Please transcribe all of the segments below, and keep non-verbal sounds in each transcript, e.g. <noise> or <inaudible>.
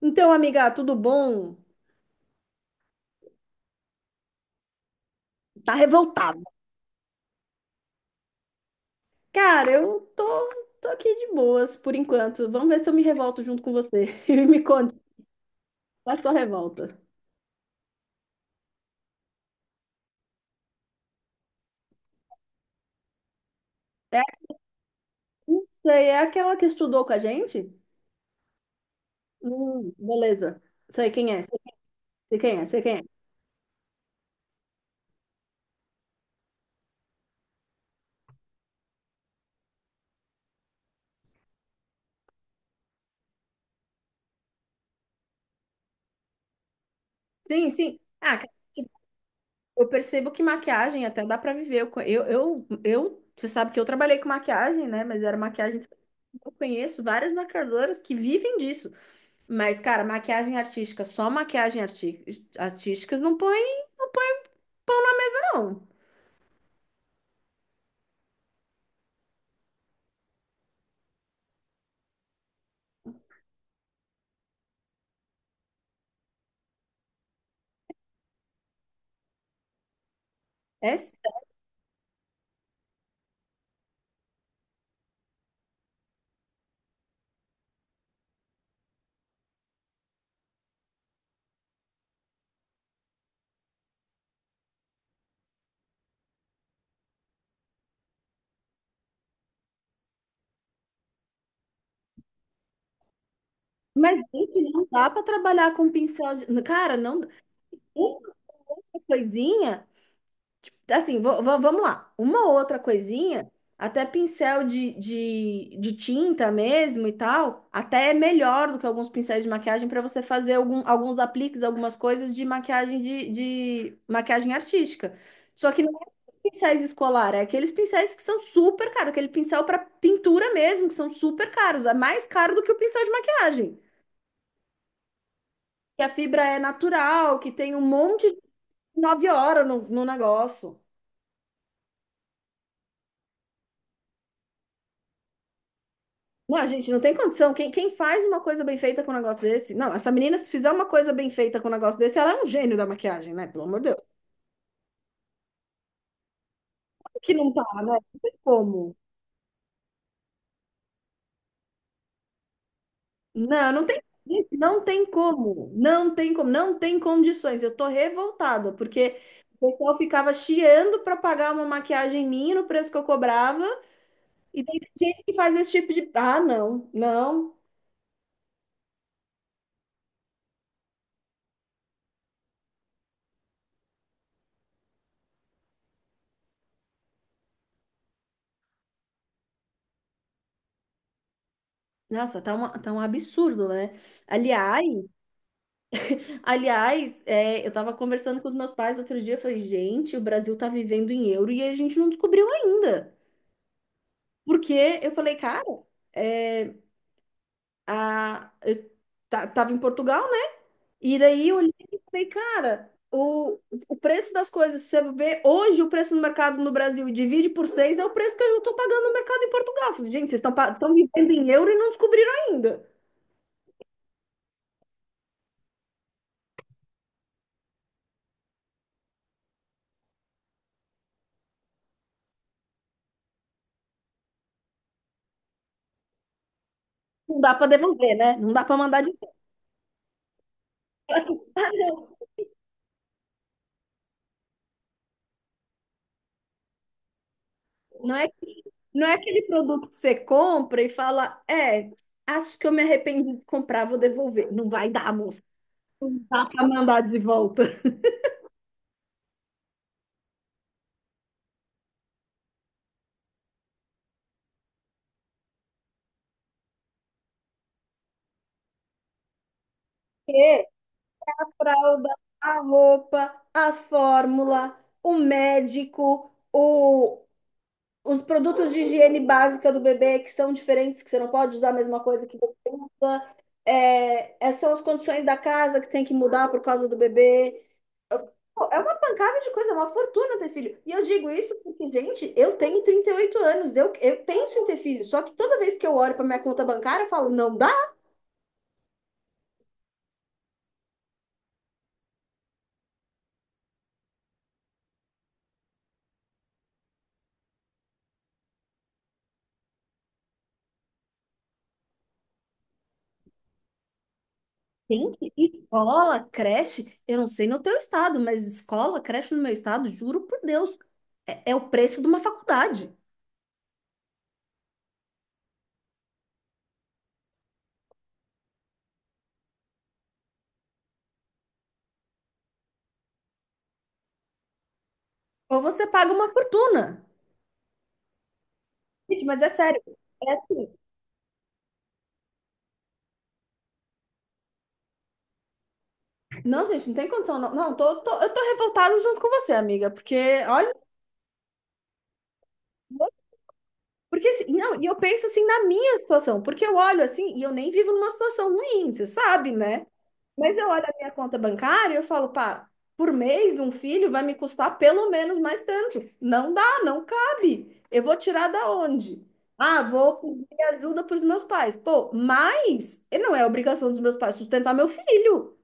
Então, amiga, tudo bom? Tá revoltada. Cara, eu tô aqui de boas por enquanto. Vamos ver se eu me revolto junto com você. <laughs> E me conte, qual é a sua revolta? Essa aí é aquela que estudou com a gente? Beleza. Sei quem é, sei quem é, sei quem é. Sim, sim. Ah, cara, eu percebo que maquiagem até dá pra viver. Eu você sabe que eu trabalhei com maquiagem, né? Mas era maquiagem. Eu conheço várias maquiadoras que vivem disso. Mas, cara, maquiagem artística, só maquiagem artísticas não põe, não põe, não. É sério. Mas, gente, não dá pra trabalhar com pincel de. Cara, não. Uma coisinha, tipo, assim, vamos lá. Uma outra coisinha, até pincel de tinta mesmo e tal, até é melhor do que alguns pincéis de maquiagem para você fazer algum, alguns apliques, algumas coisas de maquiagem de maquiagem artística. Só que não é pincéis escolar, é aqueles pincéis que são super caros, aquele pincel para pintura mesmo, que são super caros, é mais caro do que o pincel de maquiagem. Que a fibra é natural, que tem um monte de nove horas no negócio. Não, a gente não tem condição. Quem faz uma coisa bem feita com um negócio desse? Não, essa menina, se fizer uma coisa bem feita com um negócio desse, ela é um gênio da maquiagem, né? Pelo amor de Deus. Sabe que não tá, né? Não tem como. Não, não tem, gente, não tem como. Não tem como. Não tem condições. Eu tô revoltada, porque o pessoal ficava chiando para pagar uma maquiagem minha no preço que eu cobrava. E tem gente que faz esse tipo de. Ah, não, não. Nossa, tá um absurdo, né? Aliás. É, eu estava conversando com os meus pais outro dia, eu falei, gente, o Brasil está vivendo em euro e a gente não descobriu ainda. Porque eu falei, cara, é, eu tava em Portugal, né? E daí eu olhei e falei, cara, o preço das coisas, se você vê hoje o preço no mercado no Brasil e divide por seis, é o preço que eu estou pagando no mercado em Portugal. Eu falei, gente, vocês estão vivendo em euro e não descobriram ainda. Não dá para devolver, né? Não dá para mandar de volta. <laughs> Não é, não é aquele produto que você compra e fala, é, acho que eu me arrependi de comprar, vou devolver. Não vai dar, moça. Não dá para mandar de volta. <laughs> A fralda, a roupa, a fórmula, o médico, os produtos de higiene básica do bebê que são diferentes, que você não pode usar a mesma coisa que você usa. É, essas são as condições da casa que tem que mudar por causa do bebê. Pô, é uma pancada de coisa, é uma fortuna ter filho. E eu digo isso porque, gente, eu tenho 38 anos, eu penso em ter filho, só que toda vez que eu olho para minha conta bancária, eu falo, não dá. Gente, escola, creche, eu não sei no teu estado, mas escola, creche no meu estado, juro por Deus, é o preço de uma faculdade. Ou você paga uma fortuna. Gente, mas é sério. É assim. Não, gente, não tem condição. Não, eu tô revoltada junto com você, amiga, porque olha. Porque, assim, não, e eu penso assim na minha situação, porque eu olho assim e eu nem vivo numa situação ruim, você sabe, né? Mas eu olho a minha conta bancária e eu falo, pá, por mês um filho vai me custar pelo menos mais tanto. Não dá, não cabe. Eu vou tirar da onde? Ah, vou pedir ajuda para os meus pais. Pô, mas e não é obrigação dos meus pais sustentar meu filho.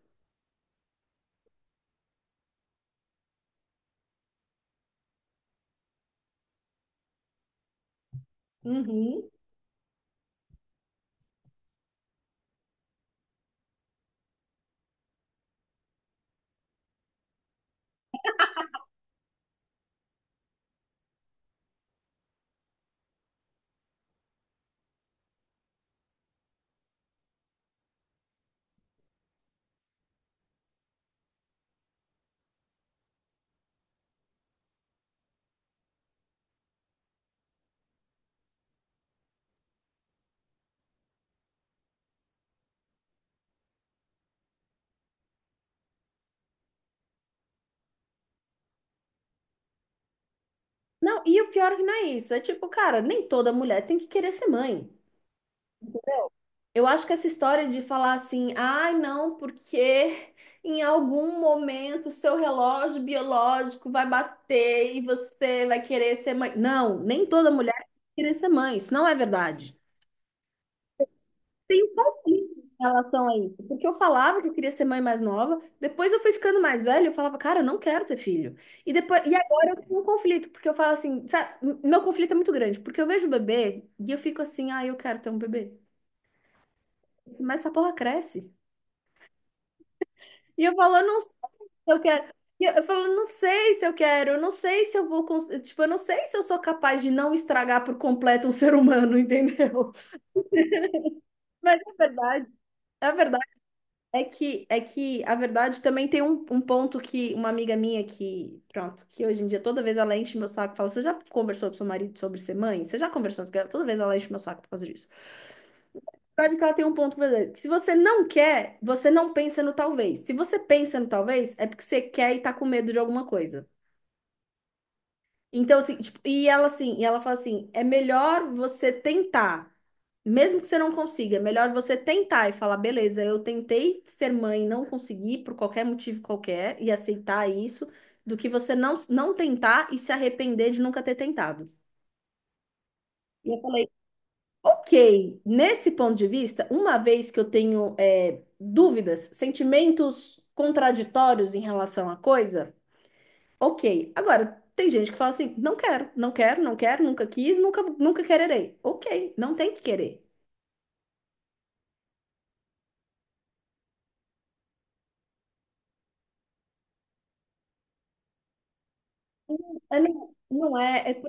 Uhum. Não, e o pior que não é isso. É tipo, cara, nem toda mulher tem que querer ser mãe. Eu acho que essa história de falar assim, ai não, porque <laughs> em algum momento o seu relógio biológico vai bater e você vai querer ser mãe. Não, nem toda mulher vai querer ser mãe, isso não é verdade. Tem um conflito em relação a isso, porque eu falava que eu queria ser mãe mais nova, depois eu fui ficando mais velha, eu falava, cara, eu não quero ter filho. E agora eu tenho um conflito, porque eu falo assim, sabe, meu conflito é muito grande, porque eu vejo o bebê e eu fico assim, ah, eu quero ter um bebê. Mas essa porra cresce. E eu falo, eu não. Eu quero. E eu falo, não sei se eu quero, eu não sei se eu vou, tipo, eu não sei se eu sou capaz de não estragar por completo um ser humano, <laughs> entendeu? Mas a verdade é que a verdade também tem um ponto que uma amiga minha que, pronto, que hoje em dia toda vez ela enche meu saco, e fala, você já conversou com seu marido sobre ser mãe? Você já conversou com ela? Toda vez ela enche meu saco por causa disso. A verdade é que ela tem um ponto verdadeiro, que se você não quer, você não pensa no talvez. Se você pensa no talvez, é porque você quer e tá com medo de alguma coisa. Então, assim, tipo, e ela fala assim: é melhor você tentar, mesmo que você não consiga, é melhor você tentar e falar, beleza, eu tentei ser mãe, e não consegui por qualquer motivo qualquer, e aceitar isso, do que você não tentar e se arrepender de nunca ter tentado. E eu falei, ok, nesse ponto de vista, uma vez que eu tenho é, dúvidas, sentimentos contraditórios em relação à coisa. Ok. Agora, tem gente que fala assim: não quero, não quero, não quero, nunca quis, nunca, nunca quererei. Ok, não tem que querer. É, não, não é, é-.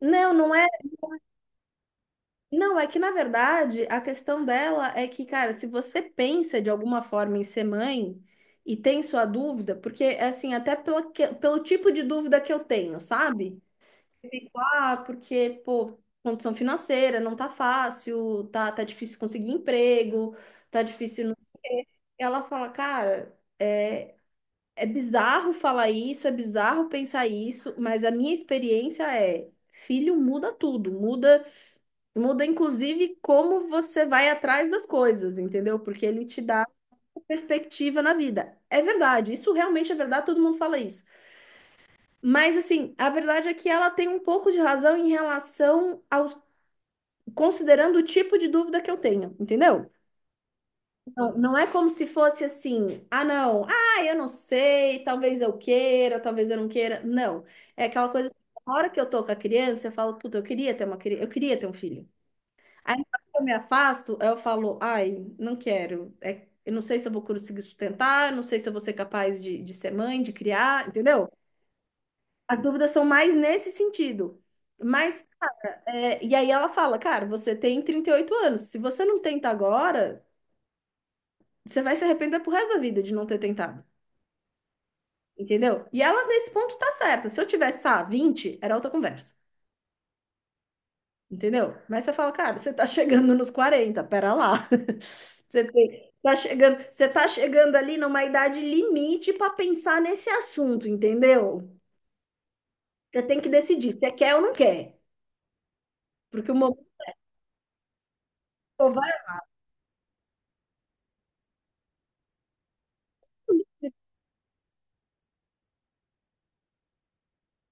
Não, não é. Não, é que na verdade a questão dela é que, cara, se você pensa de alguma forma em ser mãe e tem sua dúvida, porque assim, até pelo tipo de dúvida que eu tenho, sabe? Fico, ah, porque, pô, condição financeira não tá fácil, tá difícil conseguir emprego, tá difícil. Não. Ela fala, cara. É bizarro falar isso, é bizarro pensar isso, mas a minha experiência é, filho muda tudo, muda, muda inclusive como você vai atrás das coisas, entendeu? Porque ele te dá uma perspectiva na vida. É verdade, isso realmente é verdade, todo mundo fala isso. Mas assim, a verdade é que ela tem um pouco de razão em relação aos, considerando o tipo de dúvida que eu tenho, entendeu? Não, não é como se fosse assim, ah, não, ah, eu não sei, talvez eu queira, talvez eu não queira. Não. É aquela coisa assim, na hora que eu tô com a criança, eu falo, puta, eu queria ter uma criança, eu queria ter um filho. Aí na hora que eu me afasto, eu falo, ai, não quero. É, eu não sei se eu vou conseguir sustentar, não sei se eu vou ser capaz de ser mãe, de criar, entendeu? As dúvidas são mais nesse sentido. Mas, é, e aí ela fala, cara, você tem 38 anos, se você não tenta agora, você vai se arrepender pro resto da vida de não ter tentado. Entendeu? E ela, nesse ponto, tá certa. Se eu tivesse, ah, 20 era outra conversa. Entendeu? Mas você fala, cara, você tá chegando nos 40 pera lá. <laughs> Você tá chegando ali numa idade limite para pensar nesse assunto, entendeu? Você tem que decidir se quer ou não quer. Porque o momento vai.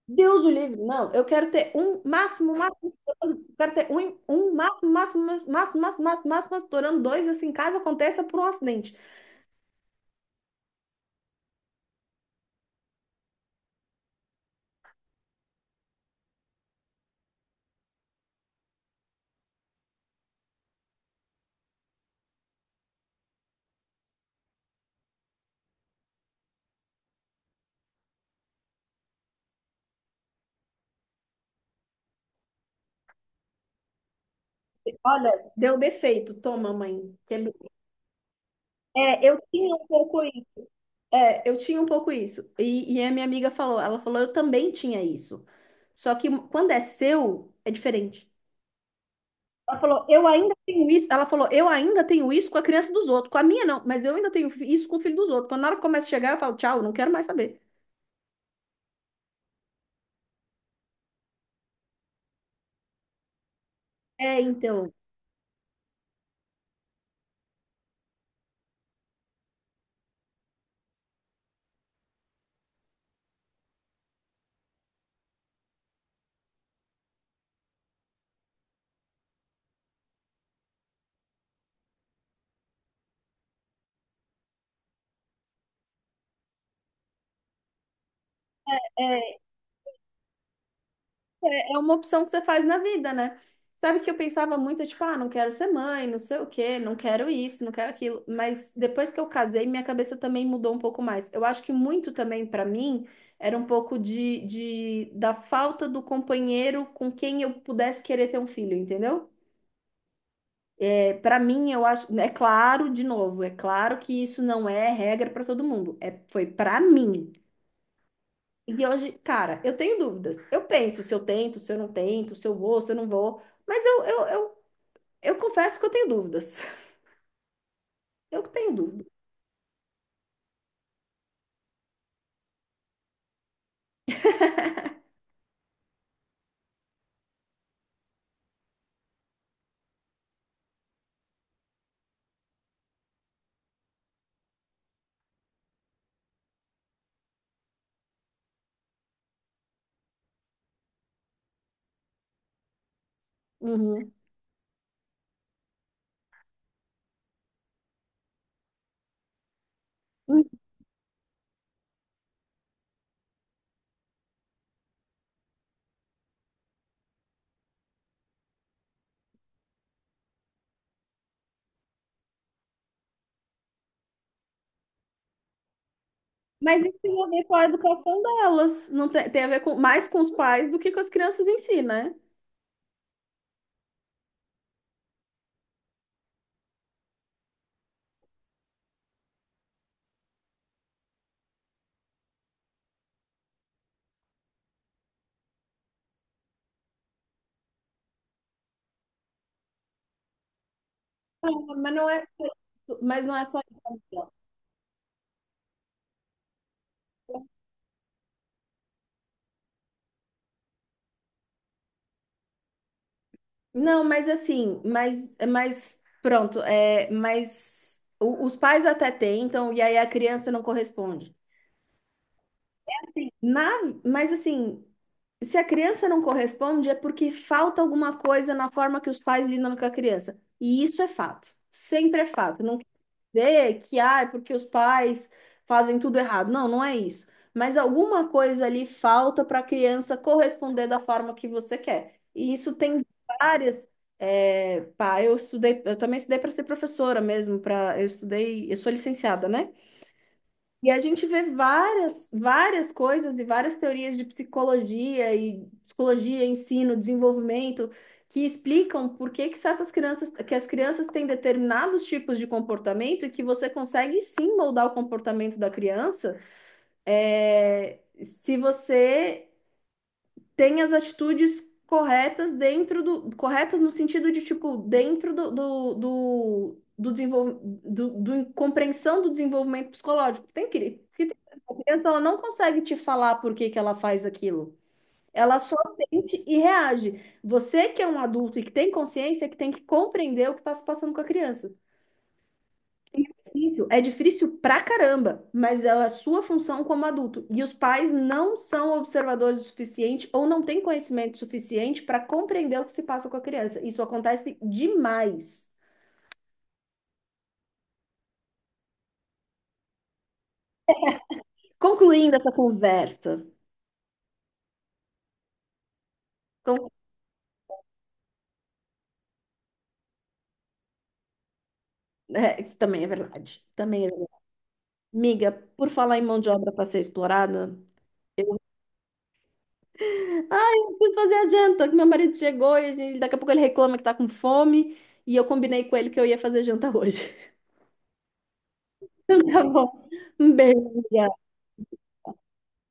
Deus o livre. Não, eu quero ter um máximo, máximo, estourando, eu quero ter um máximo, máximo, máximo, máximo, máximo, máximo, estourando dois, assim, caso aconteça por um acidente. Olha, deu defeito, toma, mãe. Que é. É, eu tinha um pouco isso. É, eu tinha um pouco isso. E a minha amiga falou, ela falou, eu também tinha isso. Só que quando é seu, é diferente. Ela falou, eu ainda tenho isso. Ela falou, eu ainda tenho isso com a criança dos outros. Com a minha, não, mas eu ainda tenho isso com o filho dos outros. Quando na hora que começa a chegar, eu falo, tchau, não quero mais saber. É, então. É uma opção que você faz na vida, né? Sabe que eu pensava muito, tipo, ah, não quero ser mãe, não sei o quê, não quero isso, não quero aquilo. Mas depois que eu casei, minha cabeça também mudou um pouco mais. Eu acho que muito também pra mim era um pouco de, da falta do companheiro com quem eu pudesse querer ter um filho, entendeu? É, para mim, eu acho, é claro, de novo, é claro que isso não é regra pra todo mundo. É, foi pra mim. E hoje, cara, eu tenho dúvidas. Eu penso se eu tento, se eu não tento, se eu vou, se eu não vou. Mas eu confesso que eu tenho dúvidas. <laughs> Eu tenho dúvidas. Uhum. Mas isso tem a ver com a educação delas. Não tem, tem a ver com, mais com os pais do que com as crianças em si, né? Ah, mas não é só isso, mas não é só isso. Não, mas assim, mas pronto, é, mas os pais até tentam e aí a criança não corresponde. Sim. Na, mas assim, se a criança não corresponde, é porque falta alguma coisa na forma que os pais lidam com a criança. E isso é fato. Sempre é fato. Não quer dizer que, ah, é porque os pais fazem tudo errado. Não, não é isso. Mas alguma coisa ali falta para a criança corresponder da forma que você quer. E isso tem várias. É, pá, eu estudei, eu também estudei para ser professora mesmo, para, eu estudei, eu sou licenciada, né? E a gente vê várias, várias coisas e várias teorias de psicologia e psicologia, ensino, desenvolvimento que explicam por que que certas crianças, que as crianças têm determinados tipos de comportamento e que você consegue sim moldar o comportamento da criança, é, se você tem as atitudes corretas dentro do, corretas no sentido de, tipo, dentro do desenvolvimento, compreensão do desenvolvimento psicológico. Tem que, porque tem- a criança, ela não consegue te falar por que que ela faz aquilo. Ela só sente e reage. Você que é um adulto e que tem consciência, é que tem que compreender o que está se passando com a criança. Difícil, é difícil pra caramba, mas é a sua função como adulto. E os pais não são observadores o suficiente ou não têm conhecimento suficiente para compreender o que se passa com a criança. Isso acontece demais. Concluindo essa conversa, con- isso também é verdade. Também é verdade. Amiga, por falar em mão de obra para ser explorada, ai, eu preciso fazer a janta, que meu marido chegou e daqui a pouco ele reclama que tá com fome e eu combinei com ele que eu ia fazer janta hoje. <laughs> Então tá bom. Um beijo, amiga.